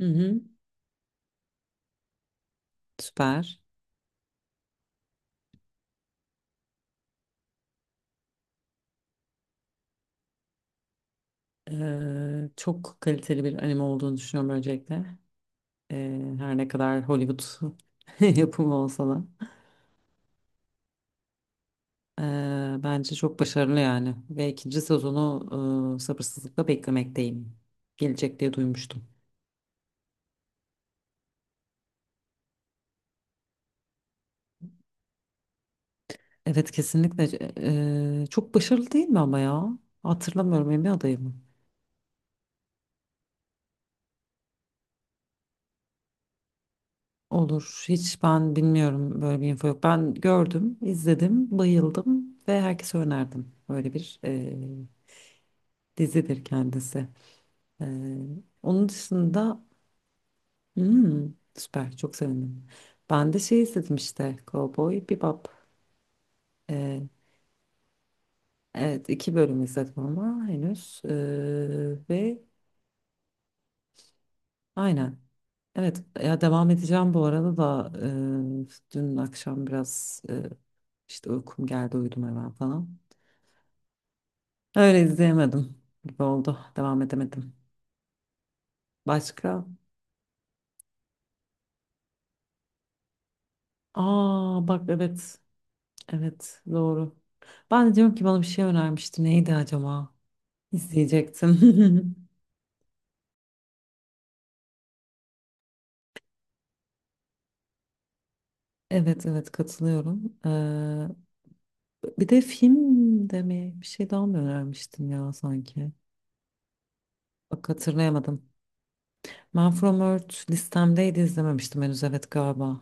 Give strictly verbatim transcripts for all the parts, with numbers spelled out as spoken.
Hı hı. Süper. Ee, çok kaliteli bir anime olduğunu düşünüyorum öncelikle. Ee, her ne kadar Hollywood yapımı olsa da. Ee, bence çok başarılı yani. Ve ikinci sezonu e, sabırsızlıkla beklemekteyim. Gelecek diye duymuştum. Evet, kesinlikle. Ee, çok başarılı değil mi ama ya? Hatırlamıyorum, Emmy adayı mı? Olur. Hiç ben bilmiyorum, böyle bir info yok. Ben gördüm, izledim, bayıldım ve herkese önerdim. Böyle bir dizidir kendisi. Ee, Onun dışında hmm, süper, çok sevindim. Ben de şey izledim işte Cowboy Bebop. Ee, evet, iki bölüm izledim ama henüz. Ee, ve aynen. Evet ya, devam edeceğim bu arada da ee, dün akşam biraz ee, işte uykum geldi, uyudum hemen falan. Öyle izleyemedim gibi oldu. Devam edemedim. Başka? Aa, bak, evet, evet, doğru. Ben de diyorum ki bana bir şey önermişti. Neydi acaba? İzleyecektim. Evet, evet, katılıyorum. Ee, bir de film de mi? Bir şey daha mı önermiştin ya sanki? Bak, hatırlayamadım. Man From Earth listemdeydi, izlememiştim henüz. Evet, galiba.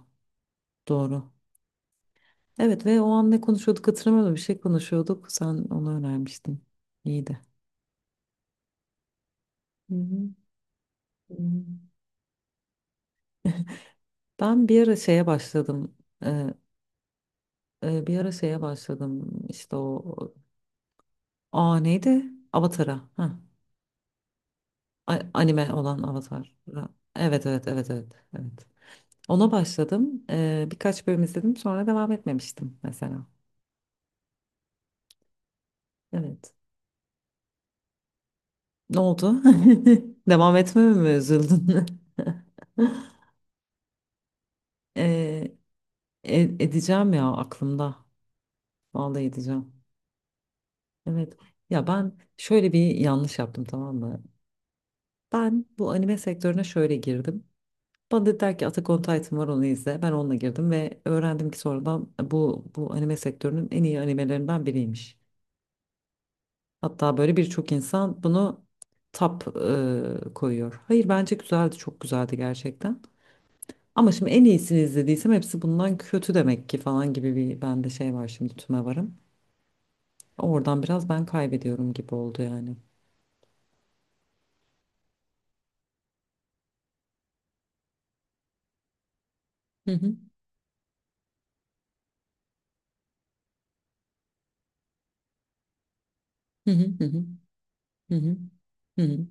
Doğru. Evet, ve o an ne konuşuyorduk hatırlamıyorum. Bir şey konuşuyorduk. Sen onu önermiştin. İyiydi. Hı hı. Hı hı. Ben bir ara şeye başladım. Ee, e, Bir ara şeye başladım. İşte o. Aa, neydi? Avatar'a. Ha. A- Anime olan Avatar. Evet, evet, evet, evet, evet. Ona başladım. Ee, birkaç bölüm izledim, sonra devam etmemiştim mesela. Evet. Ne oldu? Devam etmeme mi üzüldün? Ee, e- edeceğim ya, aklımda. Vallahi edeceğim. Evet. Ya ben şöyle bir yanlış yaptım, tamam mı? Ben bu anime sektörüne şöyle girdim. Bana dediler ki Attack on Titan var, onu izle. Ben onunla girdim ve öğrendim ki sonradan e, bu bu anime sektörünün en iyi animelerinden biriymiş. Hatta böyle birçok insan bunu top e, koyuyor. Hayır, bence güzeldi, çok güzeldi gerçekten. Ama şimdi en iyisini izlediysem hepsi bundan kötü demek ki falan gibi bir bende şey var şimdi, tüme varım. Oradan biraz ben kaybediyorum gibi oldu yani. Hı hı. Hı hı hı hı. Hı hı. Hı hı.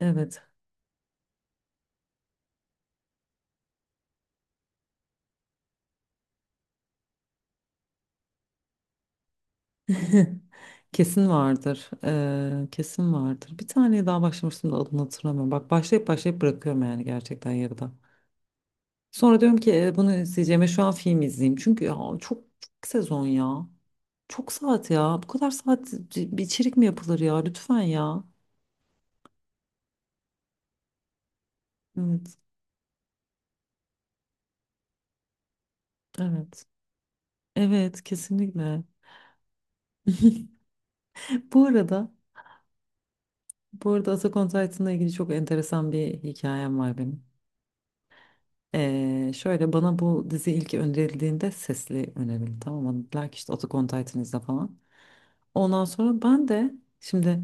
Evet. Kesin vardır. Ee, kesin vardır. Bir tane daha başlamıştım da adını hatırlamıyorum. Bak, başlayıp başlayıp bırakıyorum yani gerçekten, yarıda. Sonra diyorum ki "E, bunu izleyeceğime şu an film izleyeyim. Çünkü ya çok, çok sezon ya. Çok saat ya. Bu kadar saat c- bir içerik mi yapılır ya? Lütfen ya." Evet. Evet. Evet, kesinlikle. Bu arada bu arada Attack on Titan'la ilgili çok enteresan bir hikayem var benim. Ee, şöyle, bana bu dizi ilk önerildiğinde sesli önerildi, tamam mı? Dediler ki işte Attack on Titan izle falan. Ondan sonra ben de şimdi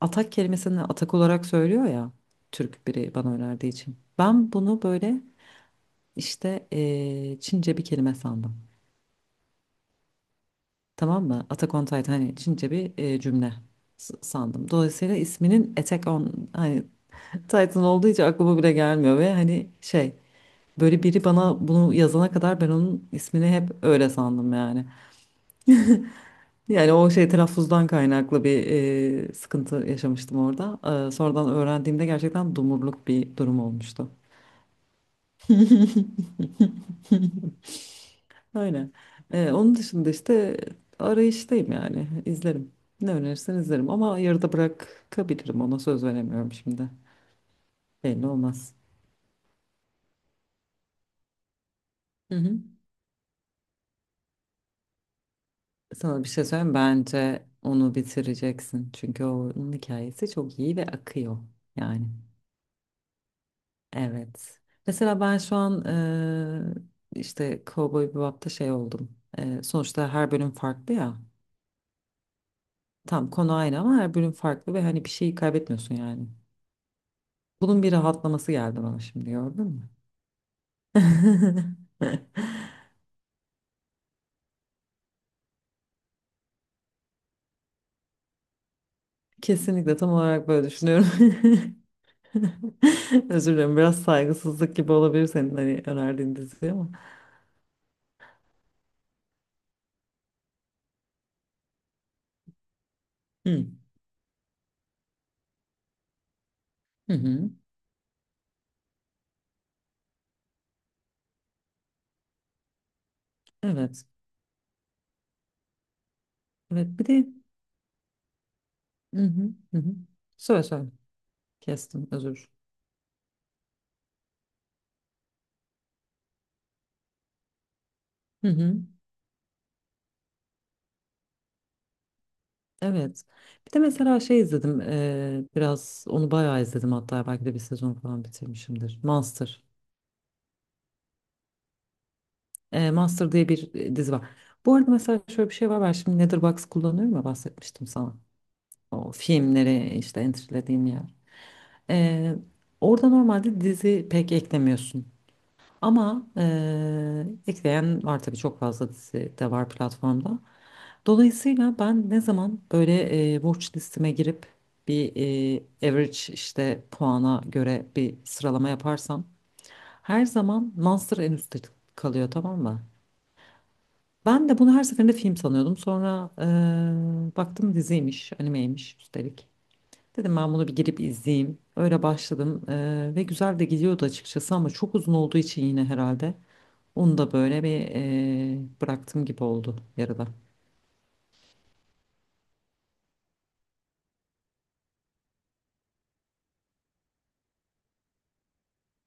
atak kelimesini atak olarak söylüyor ya Türk biri bana önerdiği için. Ben bunu böyle işte ee, Çince bir kelime sandım. Tamam mı? Attack on Titan hani Çince bir ee, cümle s- sandım. Dolayısıyla isminin Attack on hani Titan olduğu için aklıma bile gelmiyor ve hani şey. Böyle biri bana bunu yazana kadar ben onun ismini hep öyle sandım yani. Yani o şey telaffuzdan kaynaklı bir e, sıkıntı yaşamıştım orada. E, sonradan öğrendiğimde gerçekten dumurluk bir durum olmuştu. Öyle. E, onun dışında işte arayıştayım yani. İzlerim. Ne önerirsen izlerim ama yarıda bırakabilirim, ona söz veremiyorum şimdi. Belli olmaz. Hı hı. Sana bir şey söyleyeyim mi? Bence onu bitireceksin. Çünkü onun hikayesi çok iyi ve akıyor yani. Evet. Mesela ben şu an e, işte Cowboy Bebop'ta şey oldum. E, sonuçta her bölüm farklı ya. Tam konu aynı ama her bölüm farklı ve hani bir şeyi kaybetmiyorsun yani. Bunun bir rahatlaması geldi bana şimdi, gördün mü? Kesinlikle, tam olarak böyle düşünüyorum. Özür dilerim, biraz saygısızlık gibi olabilir senin hani önerdiğin dizi ama. Hı. Hı hı. Evet. Evet. Bir de hı hı. Hı hı. Söyle söyle. Kestim. Özür. Hı hı. Evet. Bir de mesela şey izledim. eee, biraz onu bayağı izledim, hatta belki de bir sezon falan bitirmişimdir. Master. Eee, Master diye bir e, dizi var. Bu arada mesela şöyle bir şey var. Ben şimdi Letterboxd kullanıyorum ya, bahsetmiştim sana. O filmleri işte entrelediğim yer. Eee, Orada normalde dizi pek eklemiyorsun. Ama eee, ekleyen var tabii, çok fazla dizi de var platformda. Dolayısıyla ben ne zaman böyle e, watch listeme girip bir e, average işte puana göre bir sıralama yaparsam her zaman Monster en üstte kalıyor, tamam mı? Ben de bunu her seferinde film sanıyordum. Sonra e, baktım diziymiş, animeymiş üstelik. Dedim ben bunu bir girip izleyeyim. Öyle başladım e, ve güzel de gidiyordu açıkçası ama çok uzun olduğu için yine herhalde onu da böyle bir e, bıraktım gibi oldu yarıda.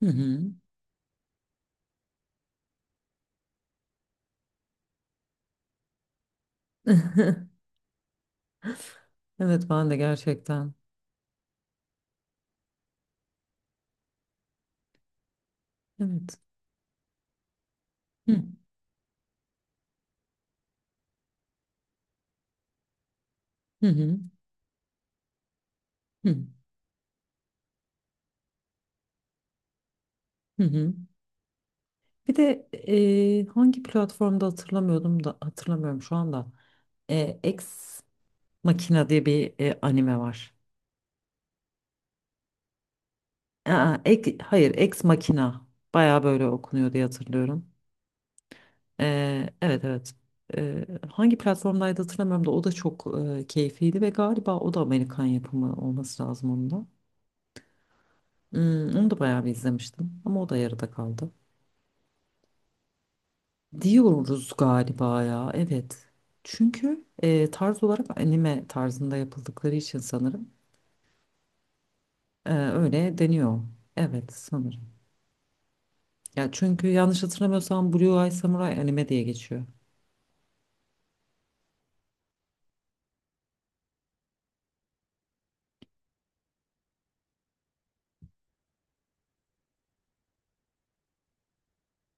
Hı hı. Evet, ben de gerçekten. Evet. Hı hı hı hı. Hı hı. Bir de e, hangi platformda hatırlamıyordum da hatırlamıyorum şu anda. E, Ex Machina diye bir e, anime var. Aa, ek, hayır, Ex Machina. Baya böyle okunuyor diye hatırlıyorum. E, evet, evet. E, hangi platformdaydı hatırlamıyorum da o da çok e, keyifliydi ve galiba o da Amerikan yapımı olması lazım, onun da. Hmm, onu da bayağı bir izlemiştim ama o da yarıda kaldı. Diyoruz galiba ya. Evet. Çünkü e, tarz olarak anime tarzında yapıldıkları için sanırım e, öyle deniyor. Evet, sanırım. Ya çünkü yanlış hatırlamıyorsam Blue Eye Samurai anime diye geçiyor.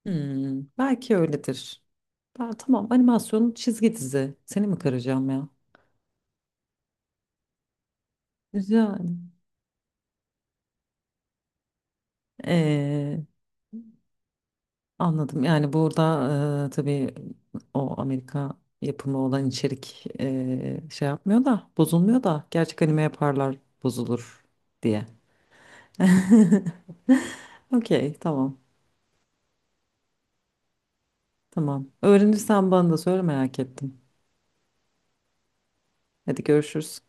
Hmm, belki öyledir. Ben, tamam, animasyon çizgi dizi. Seni mi kıracağım ya? Güzel. Anladım. Yani burada e, tabii o Amerika yapımı olan içerik e, şey yapmıyor da bozulmuyor da gerçek anime yaparlar bozulur diye. Okey, tamam. Tamam. Öğrenirsen bana da söyle, merak ettim. Hadi görüşürüz.